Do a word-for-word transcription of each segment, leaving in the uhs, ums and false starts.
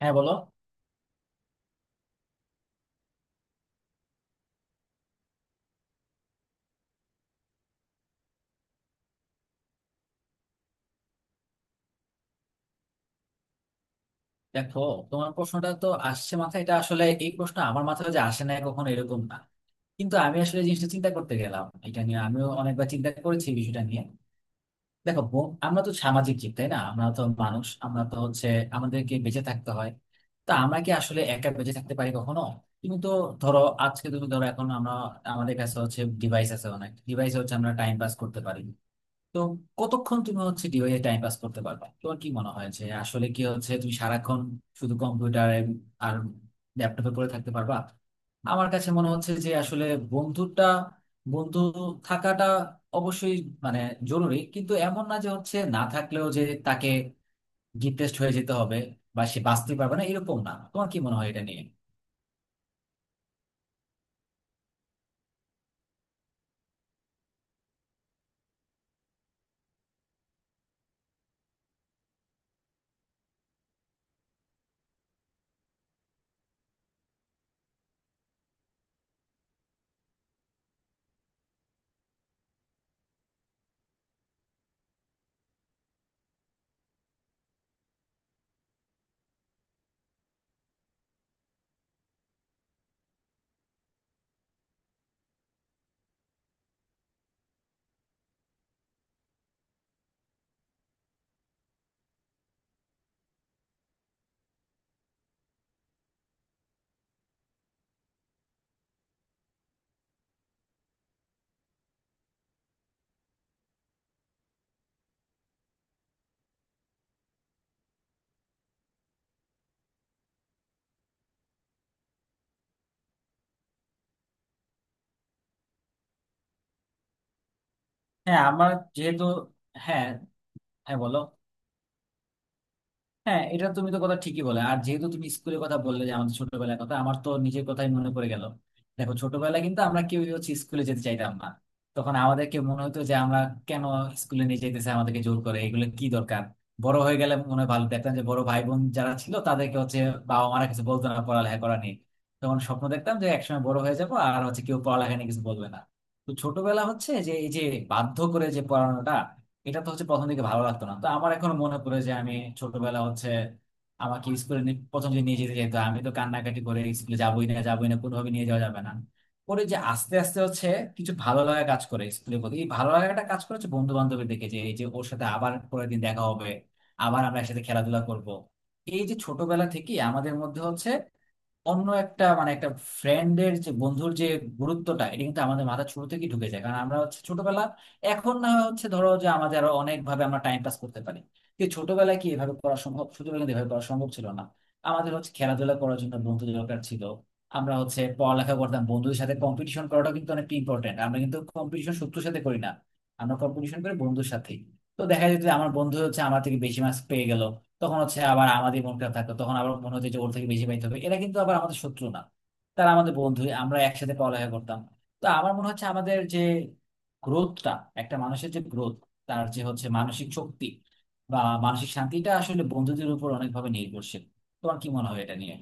হ্যাঁ, বলো। দেখো, তোমার প্রশ্নটা তো আসছে মাথায়, এটা আসলে এই প্রশ্ন আমার মাথায় যে আসে না কখনো এরকম না। কিন্তু আমি আসলে এই জিনিসটা চিন্তা করতে গেলাম, এটা নিয়ে আমিও অনেকবার চিন্তা করেছি, এই বিষয়টা নিয়ে। দেখো, ব- আমরা তো সামাজিক জীব, তাই না? আমরা তো মানুষ, আমরা তো হচ্ছে আমাদেরকে বেঁচে থাকতে হয়। তা আমরা কি আসলে একা বেঁচে থাকতে পারি কখনো? তুমি তো ধরো, আজকে তুমি ধরো এখন আমরা, আমাদের কাছে হচ্ছে ডিভাইস আছে, অনেক ডিভাইস হচ্ছে আমরা টাইম পাস করতে পারি। তো কতক্ষণ তুমি হচ্ছে ডিভাইসে টাইম পাস করতে পারবে? তোমার কি মনে হয় যে আসলে কি হচ্ছে তুমি সারাক্ষণ শুধু কম্পিউটারে আর ল্যাপটপে পড়ে থাকতে পারবা? আমার কাছে মনে হচ্ছে যে আসলে বন্ধুটা বন্ধু থাকাটা অবশ্যই মানে জরুরি, কিন্তু এমন না যে হচ্ছে না থাকলেও যে তাকে ডিপ্রেসড হয়ে যেতে হবে বা সে বাঁচতে পারবে না। এরকম না। তোমার কি মনে হয় এটা নিয়ে? হ্যাঁ, আমার, যেহেতু, হ্যাঁ, হ্যাঁ বলো। হ্যাঁ, এটা তুমি তো কথা ঠিকই বলে, আর যেহেতু তুমি স্কুলের কথা বললে যে আমাদের ছোটবেলার কথা, আমার তো নিজের কথাই মনে পড়ে গেল। দেখো, ছোটবেলায় কিন্তু আমরা কেউ হচ্ছে স্কুলে যেতে চাইতাম না। তখন আমাদেরকে মনে হতো যে আমরা কেন স্কুলে নিয়ে যেতেছে, আমাদেরকে জোর করে, এগুলো কি দরকার? বড় হয়ে গেলে মনে হয় ভালো, দেখতাম যে বড় ভাই বোন যারা ছিল তাদেরকে হচ্ছে বাবা মারা কিছু বলতো না পড়ালেখা করা নিয়ে। তখন স্বপ্ন দেখতাম যে একসময় বড় হয়ে যাবো আর হচ্ছে কেউ পড়ালেখা নিয়ে কিছু বলবে না। তো ছোটবেলা হচ্ছে যে এই যে বাধ্য করে যে পড়ানোটা, এটা তো হচ্ছে প্রথম দিকে ভালো লাগতো না। তো আমার এখন মনে পড়ে যে আমি ছোটবেলা হচ্ছে আমাকে স্কুলে নি- প্রথম যে নিয়ে যেতে যেত, আমি তো কান্নাকাটি করে স্কুলে যাবোই না, যাবোই না, কোনোভাবে নিয়ে যাওয়া যাবে না। পরে যে আস্তে আস্তে হচ্ছে কিছু ভালো লাগা কাজ করে স্কুলের প্রতি, এই ভালো লাগাটা কাজ করে হচ্ছে বন্ধু বান্ধবের দেখে, যে এই যে ওর সাথে আবার পরের দিন দেখা হবে, আবার আমরা একসাথে খেলাধুলা করব। এই যে ছোটবেলা থেকে আমাদের মধ্যে হচ্ছে অন্য একটা মানে একটা ফ্রেন্ডের যে বন্ধুর যে গুরুত্বটা, এটা কিন্তু আমাদের মাথা শুরু থেকে ঢুকে যায়, কারণ আমরা হচ্ছে ছোটবেলা। এখন না হয় হচ্ছে ধরো যে আমাদের আরো অনেক ভাবে আমরা টাইম পাস করতে পারি, কিন্তু ছোটবেলায় কি এভাবে করা সম্ভব? ছোটবেলায় কিন্তু এভাবে করা সম্ভব ছিল না। আমাদের হচ্ছে খেলাধুলা করার জন্য বন্ধু দরকার ছিল। আমরা হচ্ছে পড়ালেখা করতাম, বন্ধুদের সাথে কম্পিটিশন করাটা কিন্তু অনেক ইম্পর্টেন্ট। আমরা কিন্তু কম্পিটিশন শত্রুর সাথে করি না, আমরা কম্পিটিশন করি বন্ধুর সাথে। তো দেখা যেত যে আমার বন্ধু হচ্ছে আমার থেকে বেশি মার্কস পেয়ে গেল, তখন হচ্ছে আবার আমাদের মন খারাপ থাকতো, তখন আবার মনে হতো যে ওর থেকে বেশি পাইতে হবে। এরা কিন্তু আবার আমাদের শত্রু না, তারা আমাদের বন্ধু, আমরা একসাথে পড়ালেখা করতাম। তো আমার মনে হচ্ছে আমাদের যে গ্রোথটা, একটা মানুষের যে গ্রোথ, তার যে হচ্ছে মানসিক শক্তি বা মানসিক শান্তিটা, আসলে বন্ধুদের উপর অনেকভাবে নির্ভরশীল। তোমার কি মনে হয় এটা নিয়ে?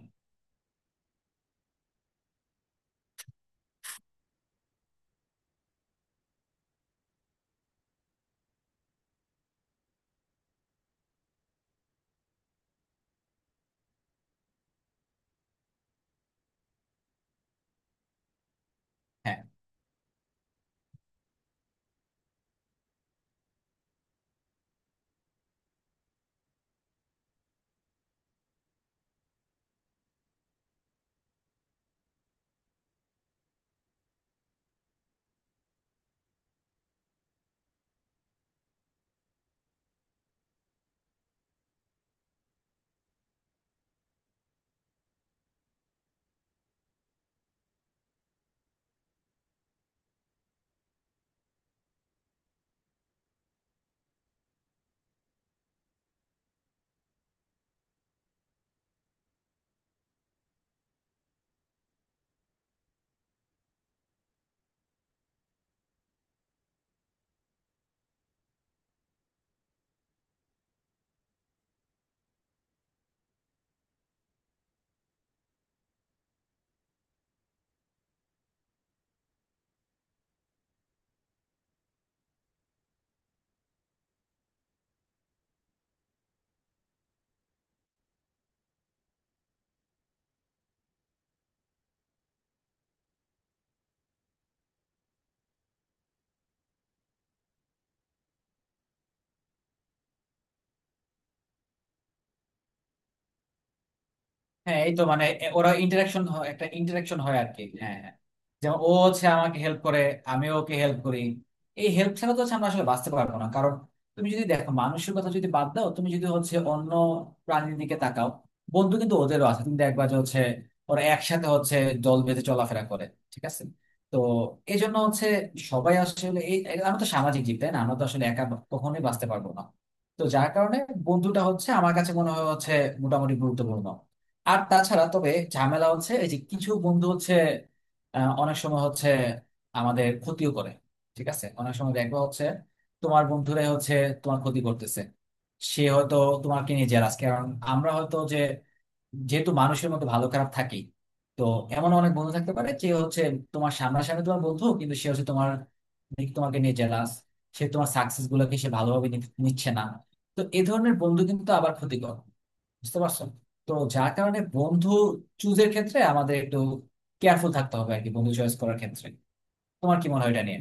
হ্যাঁ, এই তো মানে ওরা ইন্টারাকশন হয়, একটা ইন্টারাকশন হয় আর কি। হ্যাঁ, হ্যাঁ। যেমন ও হচ্ছে আমাকে হেল্প করে, আমি ওকে হেল্প করি। এই হেল্প ছাড়া তো হচ্ছে আমরা আসলে বাঁচতে পারবো না। কারণ তুমি যদি দেখো মানুষের কথা যদি বাদ দাও, তুমি যদি হচ্ছে অন্য প্রাণীর দিকে তাকাও, বন্ধু কিন্তু ওদেরও আছে। তুমি দেখবা যে হচ্ছে ওরা একসাথে হচ্ছে দল বেঁধে চলাফেরা করে, ঠিক আছে? তো এই জন্য হচ্ছে সবাই আসলে এই এই- আমরা তো সামাজিক জীব, তাই না? আমরা তো আসলে একা কখনোই বাঁচতে পারবো না। তো যার কারণে বন্ধুটা হচ্ছে আমার কাছে মনে হয় হচ্ছে মোটামুটি গুরুত্বপূর্ণ। আর তাছাড়া তবে ঝামেলা হচ্ছে এই যে কিছু বন্ধু হচ্ছে আহ, অনেক সময় হচ্ছে আমাদের ক্ষতিও করে। ঠিক আছে, অনেক সময় দেখবো হচ্ছে তোমার বন্ধুরাই হচ্ছে তোমার ক্ষতি করতেছে। সে হয়তো তোমাকে নিয়ে জেলাস, কারণ আমরা হয়তো যে, যেহেতু মানুষের মতো ভালো খারাপ থাকি। তো এমন অনেক বন্ধু থাকতে পারে যে হচ্ছে তোমার সামনাসামনি তোমার বন্ধু, কিন্তু সে হচ্ছে তোমার দিক তোমাকে নিয়ে জেলাস। সে তোমার সাকসেস গুলোকে সে ভালোভাবে নি- নিচ্ছে না। তো এই ধরনের বন্ধু কিন্তু আবার ক্ষতিকর, বুঝতে পারছো? তো যার কারণে বন্ধু চুজের ক্ষেত্রে আমাদের একটু কেয়ারফুল থাকতে হবে আর কি, বন্ধু চয়েস করার ক্ষেত্রে। তোমার কি মনে হয় এটা নিয়ে?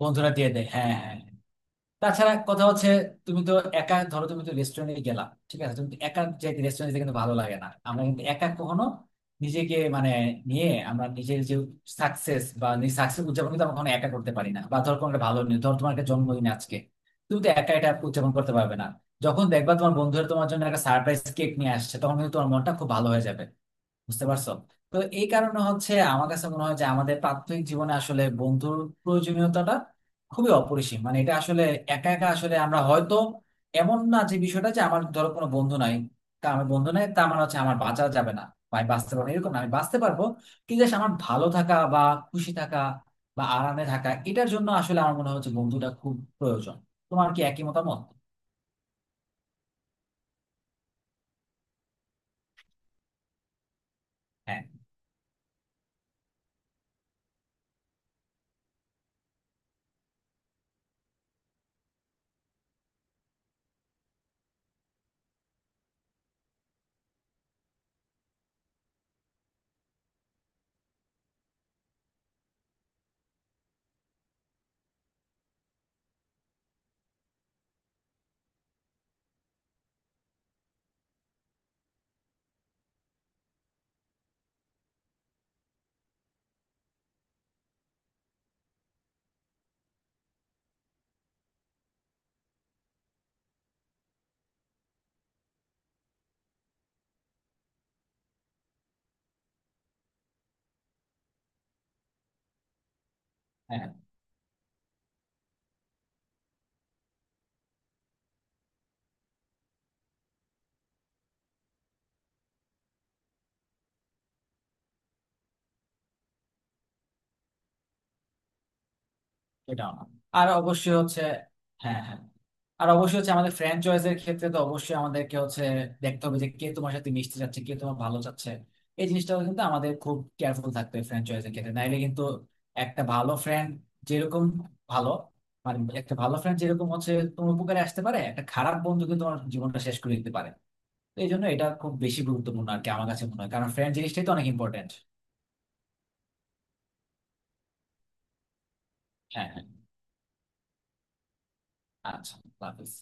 বন্ধুরা দিয়ে দেয়, হ্যাঁ, হ্যাঁ। তাছাড়া কথা হচ্ছে তুমি তো একা ধরো তুমি তো রেস্টুরেন্টে গেলা, ঠিক আছে? তুমি তো একা যে রেস্টুরেন্টে কিন্তু ভালো লাগে না। আমরা কিন্তু একা কখনো নিজেকে মানে নিয়ে, আমরা নিজের যে সাকসেস বা সাকসেস উদযাপন কিন্তু আমরা কখনো একা করতে পারি না। বা ধরো কোনো একটা ভালো নিউজ, ধরো তোমার একটা জন্মদিন আজকে, তুমি তো একা এটা উদযাপন করতে পারবে না। যখন দেখবা তোমার বন্ধুরা তোমার জন্য একটা সারপ্রাইজ কেক নিয়ে আসছে, তখন কিন্তু তোমার মনটা খুব ভালো হয়ে যাবে। বুঝতে পারছো? তো এই কারণে হচ্ছে আমার কাছে মনে হয় যে আমাদের প্রাত্যহিক জীবনে আসলে বন্ধুর প্রয়োজনীয়তাটা খুবই অপরিসীম। মানে এটা আসলে একা একা আসলে আমরা হয়তো, এমন না যে বিষয়টা যে আমার ধরো কোনো বন্ধু নাই, তা আমার বন্ধু নাই তা আমার হচ্ছে আমার বাঁচা যাবে না বা আমি বাঁচতে পারবো না। এরকম না, আমি বাঁচতে পারবো। কিন্তু just আমার ভালো থাকা বা খুশি থাকা বা আরামে থাকা, এটার জন্য আসলে আমার মনে হচ্ছে বন্ধুটা খুব প্রয়োজন। তোমার কি একই মতামত? হ্যাঁ, হ্যাঁ, এটাও না। আর অবশ্যই হচ্ছে, হ্যাঁ, হ্যাঁ। আর অবশ্যই হচ্ছে আমাদের ফ্র্যাঞ্চাইজ এর ক্ষেত্রে তো অবশ্যই আমাদেরকে হচ্ছে দেখতে হবে যে কে তোমার সাথে মিশতে চাচ্ছে, কে তোমার ভালো চাচ্ছে। এই জিনিসটা কিন্তু আমাদের খুব কেয়ারফুল থাকতে হবে ফ্র্যাঞ্চাইজ এর ক্ষেত্রে, নাইলে কিন্তু একটা ভালো ফ্রেন্ড যেরকম ভালো মানে একটা ভালো ফ্রেন্ড যেরকম হচ্ছে তোমার উপকারে আসতে পারে, একটা খারাপ বন্ধু কিন্তু তোমার জীবনটা শেষ করে দিতে পারে। তো এই জন্য এটা খুব বেশি গুরুত্বপূর্ণ আর কি, আমার কাছে মনে হয়, কারণ ফ্রেন্ড জিনিসটাই তো অনেক ইম্পর্টেন্ট। হ্যাঁ, হ্যাঁ। আচ্ছা, আল্লাহ হাফিজ।